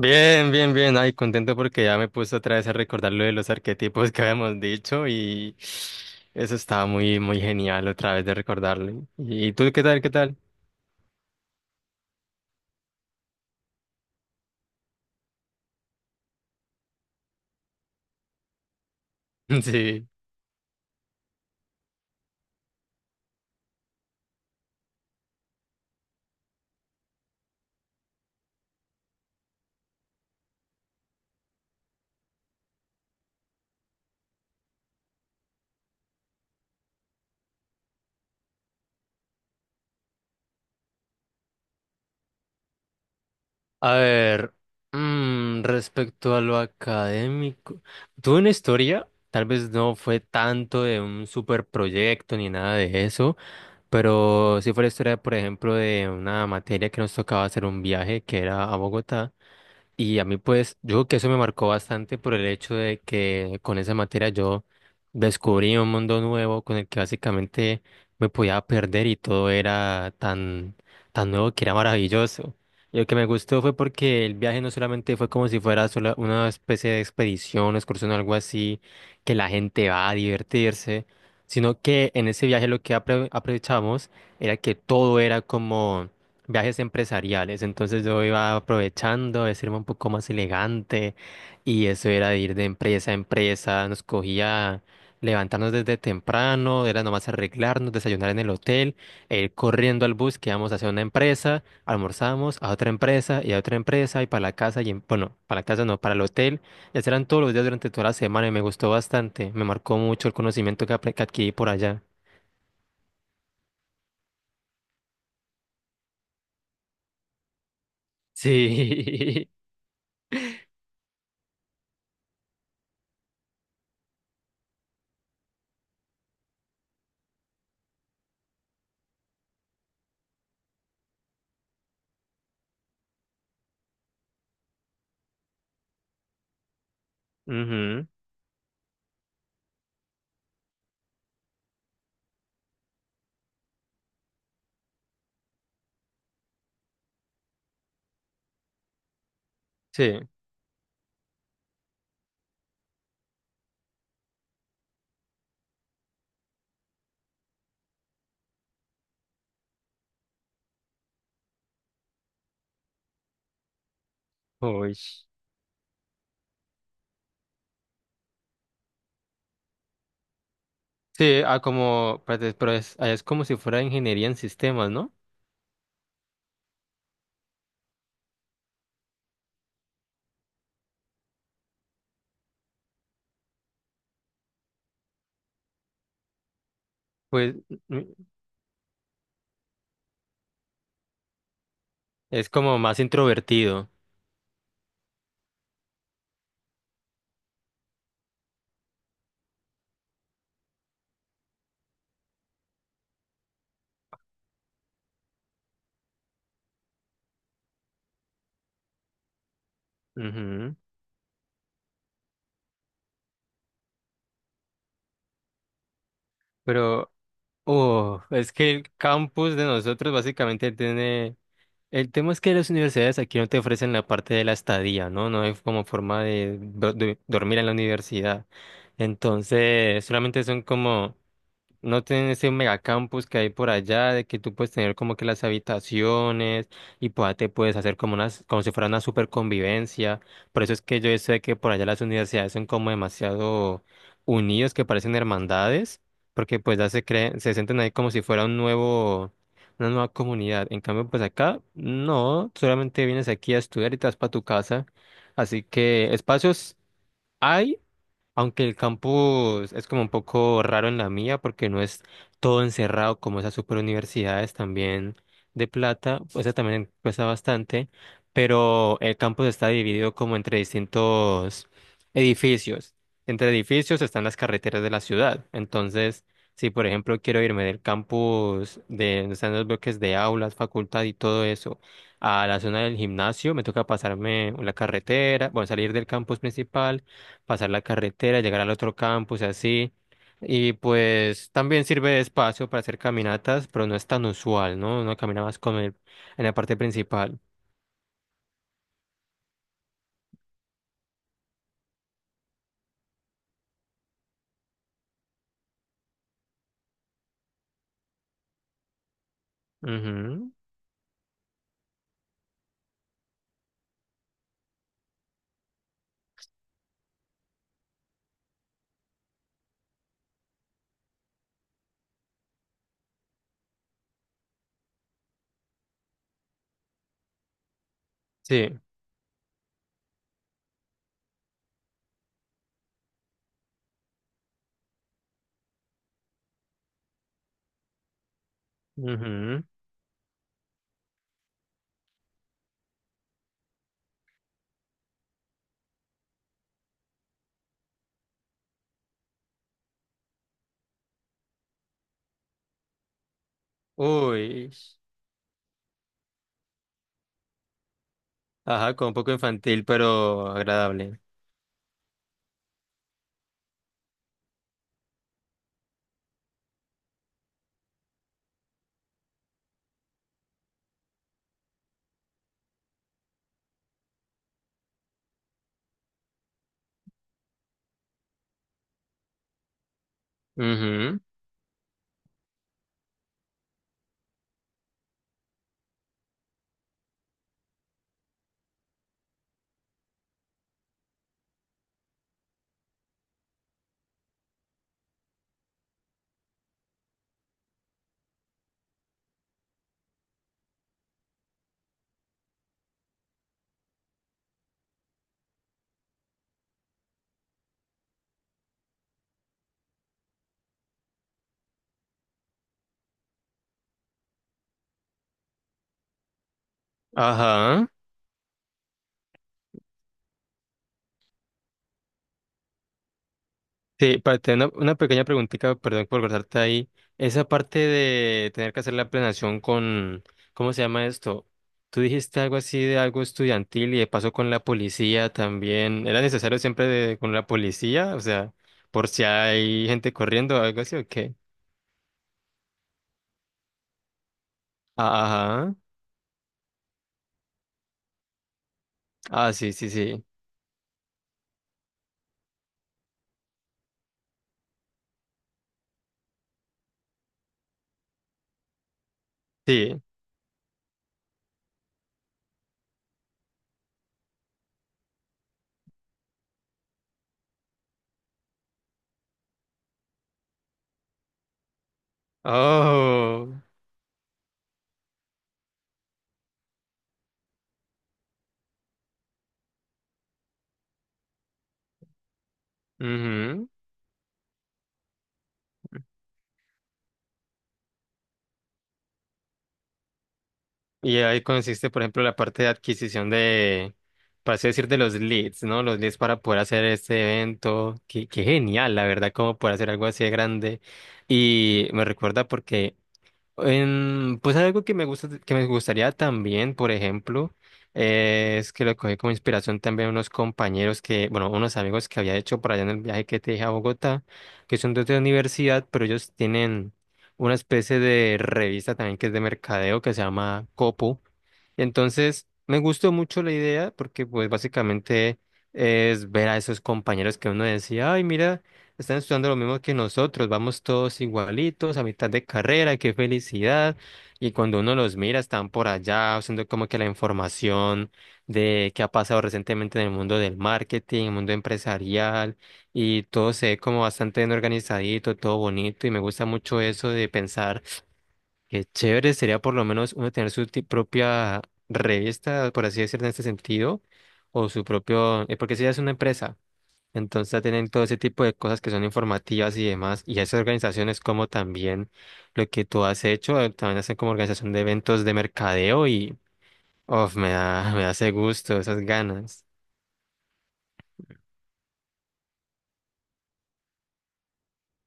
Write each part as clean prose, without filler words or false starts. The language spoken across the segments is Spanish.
Bien, bien, bien. Ay, contento porque ya me puse otra vez a recordar lo de los arquetipos que habíamos dicho y eso estaba muy, muy genial otra vez de recordarlo. ¿Y tú qué tal? ¿Qué tal? Sí. A ver, respecto a lo académico, tuve una historia, tal vez no fue tanto de un super proyecto ni nada de eso, pero sí fue la historia, por ejemplo, de una materia que nos tocaba hacer un viaje que era a Bogotá. Y a mí, pues, yo creo que eso me marcó bastante por el hecho de que con esa materia yo descubrí un mundo nuevo con el que básicamente me podía perder y todo era tan, tan nuevo que era maravilloso. Y lo que me gustó fue porque el viaje no solamente fue como si fuera una especie de expedición, excursión o algo así, que la gente va a divertirse, sino que en ese viaje lo que aprovechamos era que todo era como viajes empresariales, entonces yo iba aprovechando, a vestirme un poco más elegante y eso era de ir de empresa a empresa, nos cogía levantarnos desde temprano, era nomás arreglarnos, desayunar en el hotel, e ir corriendo al bus que íbamos hacia una empresa, almorzamos a otra empresa y a otra empresa y para la casa y bueno, para la casa no, para el hotel, y así eran todos los días durante toda la semana y me gustó bastante, me marcó mucho el conocimiento que, que adquirí por allá. Sí. Ujú. Sí. Uy. Sí, ah, como, espérate, pero es, ah, es como si fuera ingeniería en sistemas, ¿no? Pues mm, es como más introvertido. Ujú. Pero, oh, es que el campus de nosotros básicamente tiene... El tema es que las universidades aquí no te ofrecen la parte de la estadía, ¿no? No hay como forma de dormir en la universidad. Entonces, solamente son como... No tienen ese megacampus que hay por allá, de que tú puedes tener como que las habitaciones y pues, te puedes hacer como unas, como si fuera una super convivencia. Por eso es que yo sé que por allá las universidades son como demasiado unidos, que parecen hermandades, porque pues ya se creen, se sienten ahí como si fuera un nuevo, una nueva comunidad. En cambio, pues acá, no, solamente vienes aquí a estudiar y te vas para tu casa. Así que espacios hay. Aunque el campus es como un poco raro en la mía porque no es todo encerrado como esas super universidades también de plata, pues eso también cuesta bastante, pero el campus está dividido como entre distintos edificios. Entre edificios están las carreteras de la ciudad. Entonces, si por ejemplo quiero irme del campus de donde están los bloques de aulas, facultad y todo eso, a la zona del gimnasio, me toca pasarme la carretera, bueno, salir del campus principal pasar la carretera, llegar al otro campus y así. Y pues también sirve de espacio para hacer caminatas, pero no es tan usual, ¿no? Uno camina más con el, en la parte principal. Ujú. Sí. Ujú. Uy. Ajá, con un poco infantil, pero agradable. Ujú. Ajá. Sí, para tener una pequeña preguntita, perdón por cortarte ahí. Esa parte de tener que hacer la planeación con, ¿cómo se llama esto? Tú dijiste algo así de algo estudiantil y de paso con la policía también. ¿Era necesario siempre con la policía? O sea, por si hay gente corriendo o algo así o qué. Ah, ajá. Ah, sí, sí, sí. Sí. Oh. Y ahí consiste, por ejemplo, la parte de adquisición de, para así decir, de los leads, ¿no? Los leads para poder hacer este evento. Qué, qué genial, la verdad, como poder hacer algo así de grande. Y me recuerda porque, en, pues algo que me gusta, que me gustaría también, por ejemplo, es que lo cogí como inspiración también unos compañeros que, bueno, unos amigos que había hecho por allá en el viaje que te dije a Bogotá, que son de otra universidad, pero ellos tienen una especie de revista también que es de mercadeo que se llama Copo. Entonces, me gustó mucho la idea porque pues básicamente es ver a esos compañeros que uno decía, ay, mira, están estudiando lo mismo que nosotros, vamos todos igualitos, a mitad de carrera, qué felicidad. Y cuando uno los mira, están por allá haciendo como que la información de qué ha pasado recientemente en el mundo del marketing, el mundo empresarial, y todo se ve como bastante bien organizadito, todo bonito, y me gusta mucho eso de pensar. Qué chévere sería por lo menos uno tener su propia revista, por así decirlo, en este sentido, o su propio, porque si ya es una empresa, entonces ya tienen todo ese tipo de cosas que son informativas y demás, y esas organizaciones como también lo que tú has hecho, también hacen como organización de eventos de mercadeo y, uf, me da, me da ese gusto, esas ganas.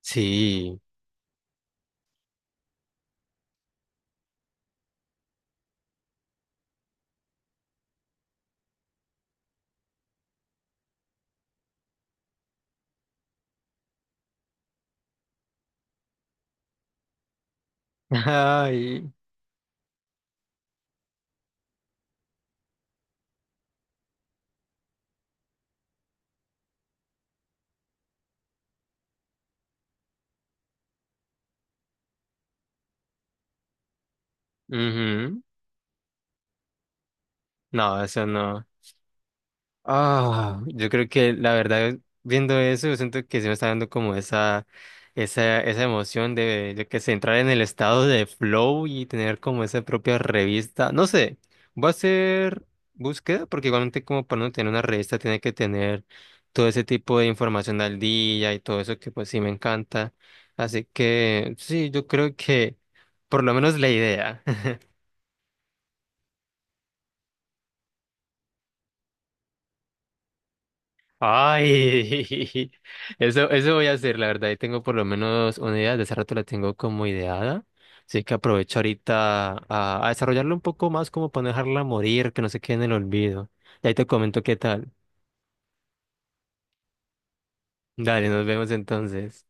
Sí. Ay. Ujú. No, eso no. Ah, yo creo que la verdad, viendo eso, yo siento que se me está dando como esa emoción de, yo que sé, entrar en el estado de flow y tener como esa propia revista. No sé, voy a hacer búsqueda, porque igualmente como para no tener una revista tiene que tener todo ese tipo de información al día y todo eso que pues sí me encanta. Así que sí, yo creo que por lo menos la idea. Ay, eso voy a hacer, la verdad. Y tengo por lo menos una idea, de hace rato la tengo como ideada. Así que aprovecho ahorita a desarrollarla un poco más, como para no dejarla morir, que no se quede en el olvido. Y ahí te comento qué tal. Dale, nos vemos entonces.